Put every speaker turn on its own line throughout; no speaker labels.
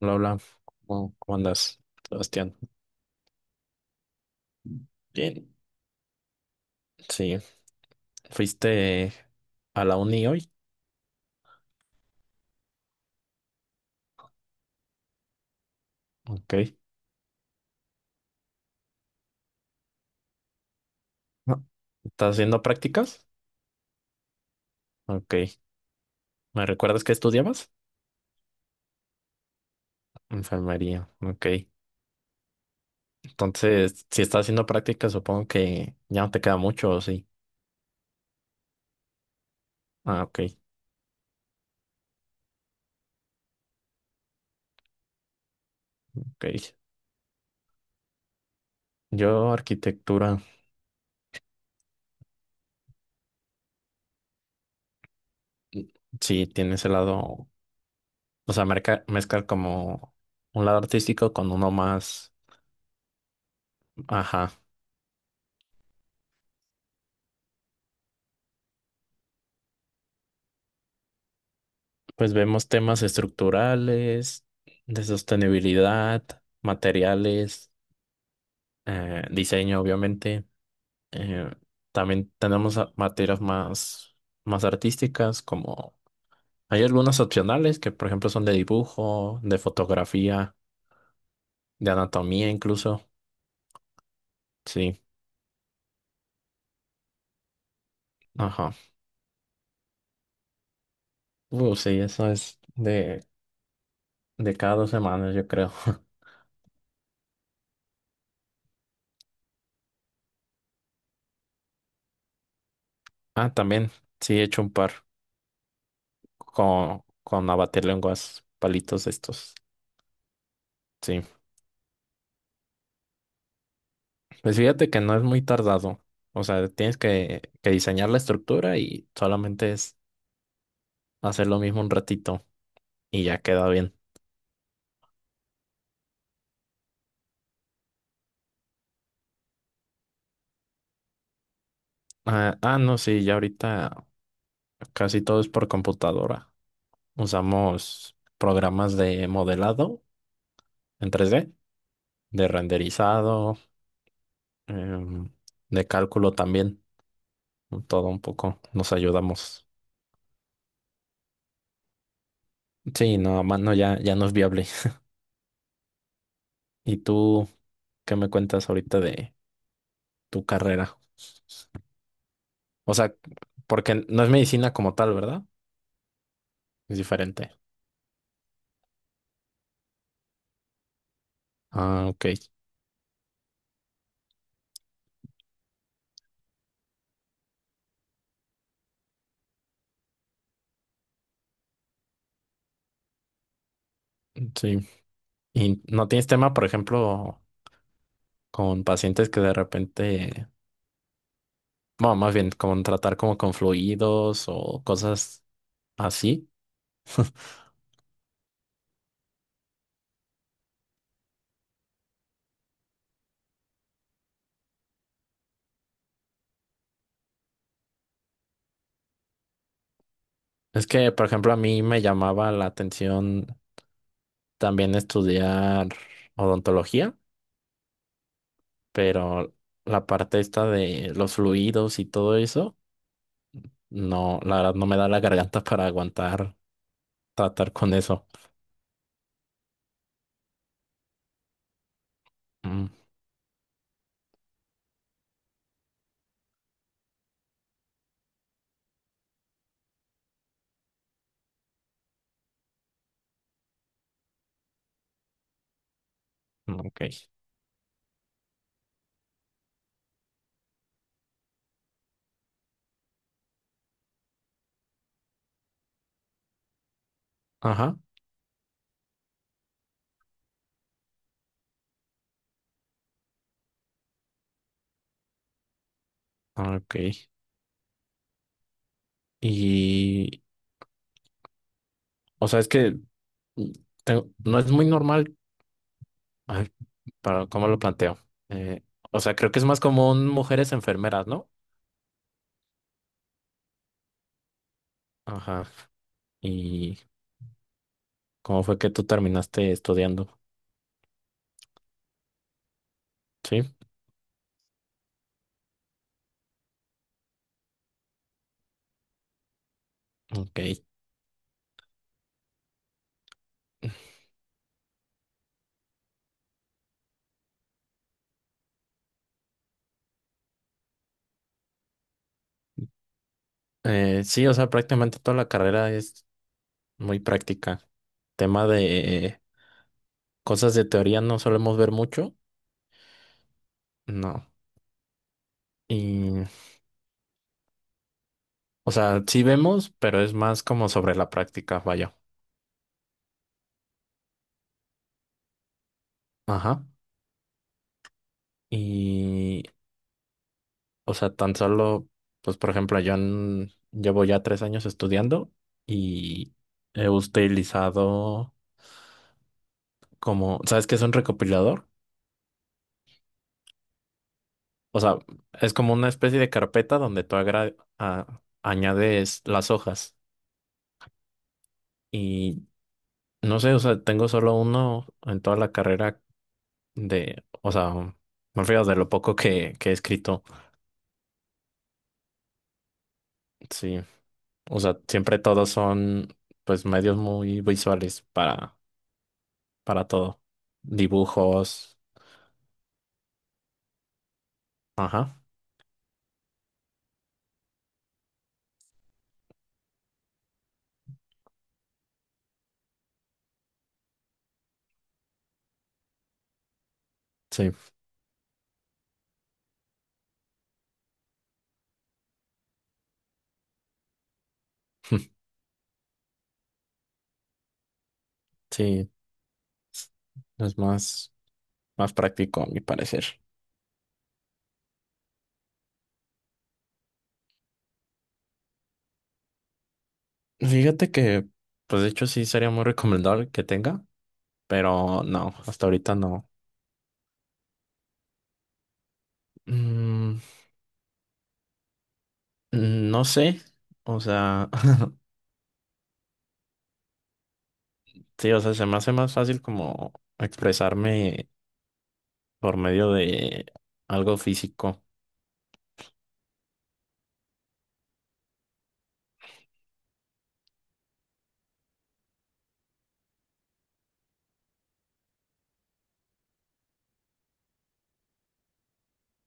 Hola, hola. ¿Cómo andas, Sebastián? Bien. Sí. ¿Fuiste a la uni hoy? Ok. No. ¿Estás haciendo prácticas? Ok. ¿Me recuerdas que estudiabas? Enfermería. Ok. Entonces, si estás haciendo prácticas, supongo que ya no te queda mucho, ¿o sí? Ah, ok. Ok. Yo, arquitectura, sí, tiene ese lado, o sea, mezclar como un lado artístico con uno más, ajá. Pues vemos temas estructurales, de sostenibilidad, materiales, diseño, obviamente. Eh, también tenemos materias más artísticas, como hay algunas opcionales que, por ejemplo, son de dibujo, de fotografía, de anatomía incluso. Sí, ajá. Sí, eso es de cada 2 semanas, yo creo. Ah, también, sí, he hecho un par con lenguas palitos estos. Sí. Pues fíjate que no es muy tardado. O sea, tienes que diseñar la estructura y solamente es hacer lo mismo un ratito y ya queda bien. No, sí, ya ahorita casi todo es por computadora. Usamos programas de modelado en 3D de renderizado, em, de cálculo también. Todo un poco nos ayudamos. Sí, no, a mano ya no es viable. ¿Y tú qué me cuentas ahorita de tu carrera? O sea, porque no es medicina como tal, ¿verdad? Es diferente. Ah, ok. Sí. ¿Y no tienes tema, por ejemplo, con pacientes que de repente, bueno, más bien con tratar como con fluidos o cosas así? Es que, por ejemplo, a mí me llamaba la atención también estudiar odontología, pero la parte esta de los fluidos y todo eso, no, la verdad no me da la garganta para aguantar tratar con eso. Mm, ok. Ajá, ah, ok. Y, o sea, es que mm, tengo- no es muy normal, ay, para cómo lo planteo. Eh, o sea, creo que es más común mujeres enfermeras, ¿no? Ajá. ¿Y cómo fue que tú terminaste estudiando? Sí, ok. Sí, o sea, prácticamente toda la carrera es muy práctica. Tema de cosas de teoría no solemos ver mucho, no. Y, o sea, sí vemos, pero es más como sobre la práctica, vaya. Ajá. Y, o sea, tan solo, pues por ejemplo, llevo ya 3 años estudiando y he utilizado como, ¿sabes qué es un recopilador? O sea, es como una especie de carpeta donde añades las hojas. Y no sé, o sea, tengo solo uno en toda la carrera de, o sea, me refiero de lo poco que he escrito. Sí, o sea, siempre todos son, pues, medios muy visuales para todo. Dibujos. Ajá. Sí. Sí. Es más práctico, a mi parecer. Fíjate que, pues de hecho sí sería muy recomendable que tenga, pero no, hasta ahorita no. Mm, no sé, o sea, sí, o sea, se me hace más fácil como expresarme por medio de algo físico.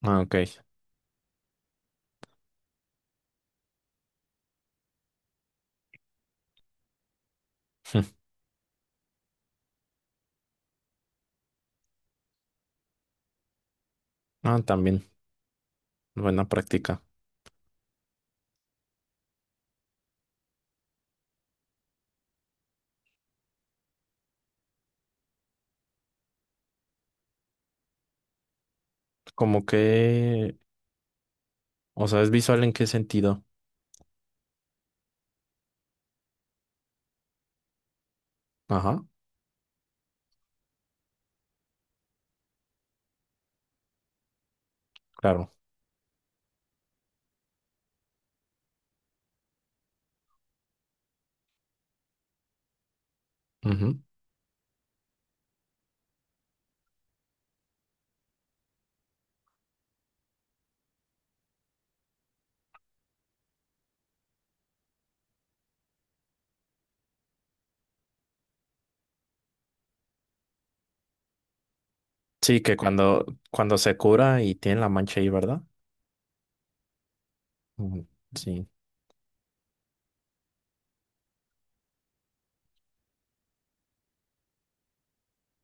Ah, ok. Ah, también, buena práctica. Como que, o sea, ¿es visual en qué sentido? Ajá, claro. Ujú. Sí, que cuando se cura y tiene la mancha ahí, ¿verdad? Mm. Sí.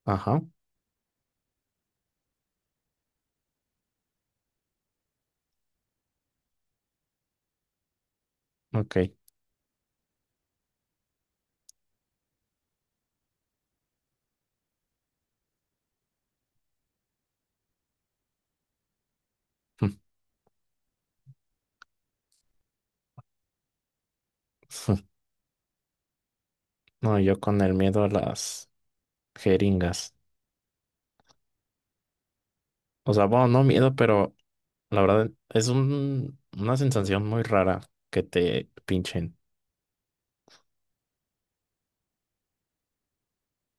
Ajá, ok. No, yo con el miedo a las jeringas. O sea, bueno, no miedo, pero la verdad es una sensación muy rara que te pinchen.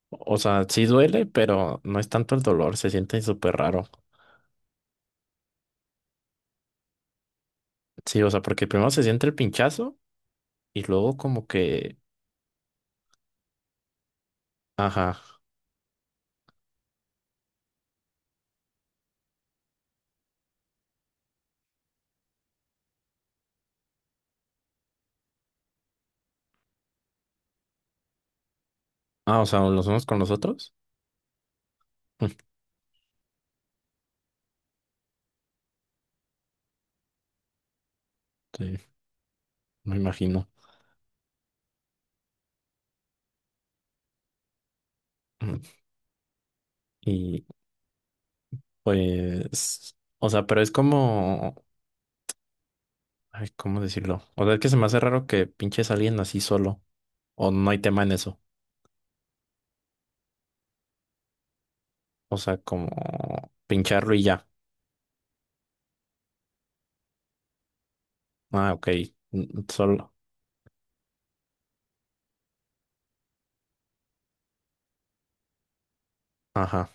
O sea, sí duele, pero no es tanto el dolor, se siente súper raro. Sí, o sea, porque primero se siente el pinchazo y luego como que... Ajá. Ah, o sea, los unos con los otros. Sí, me imagino. Ujú. Y pues, o sea, pero es como, ay, ¿cómo decirlo? O sea, es que se me hace raro que pinches a alguien así solo. O no hay tema en eso. O sea, como pincharlo y ya. Ah, ok. Solo. Ajá.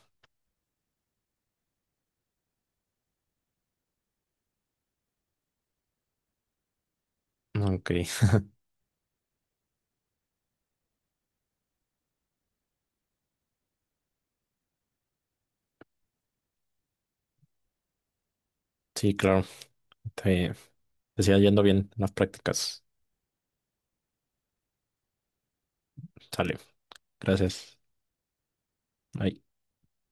Ok. Sí, claro. Te, te sigas yendo bien en las prácticas. Sale. Gracias. Bye.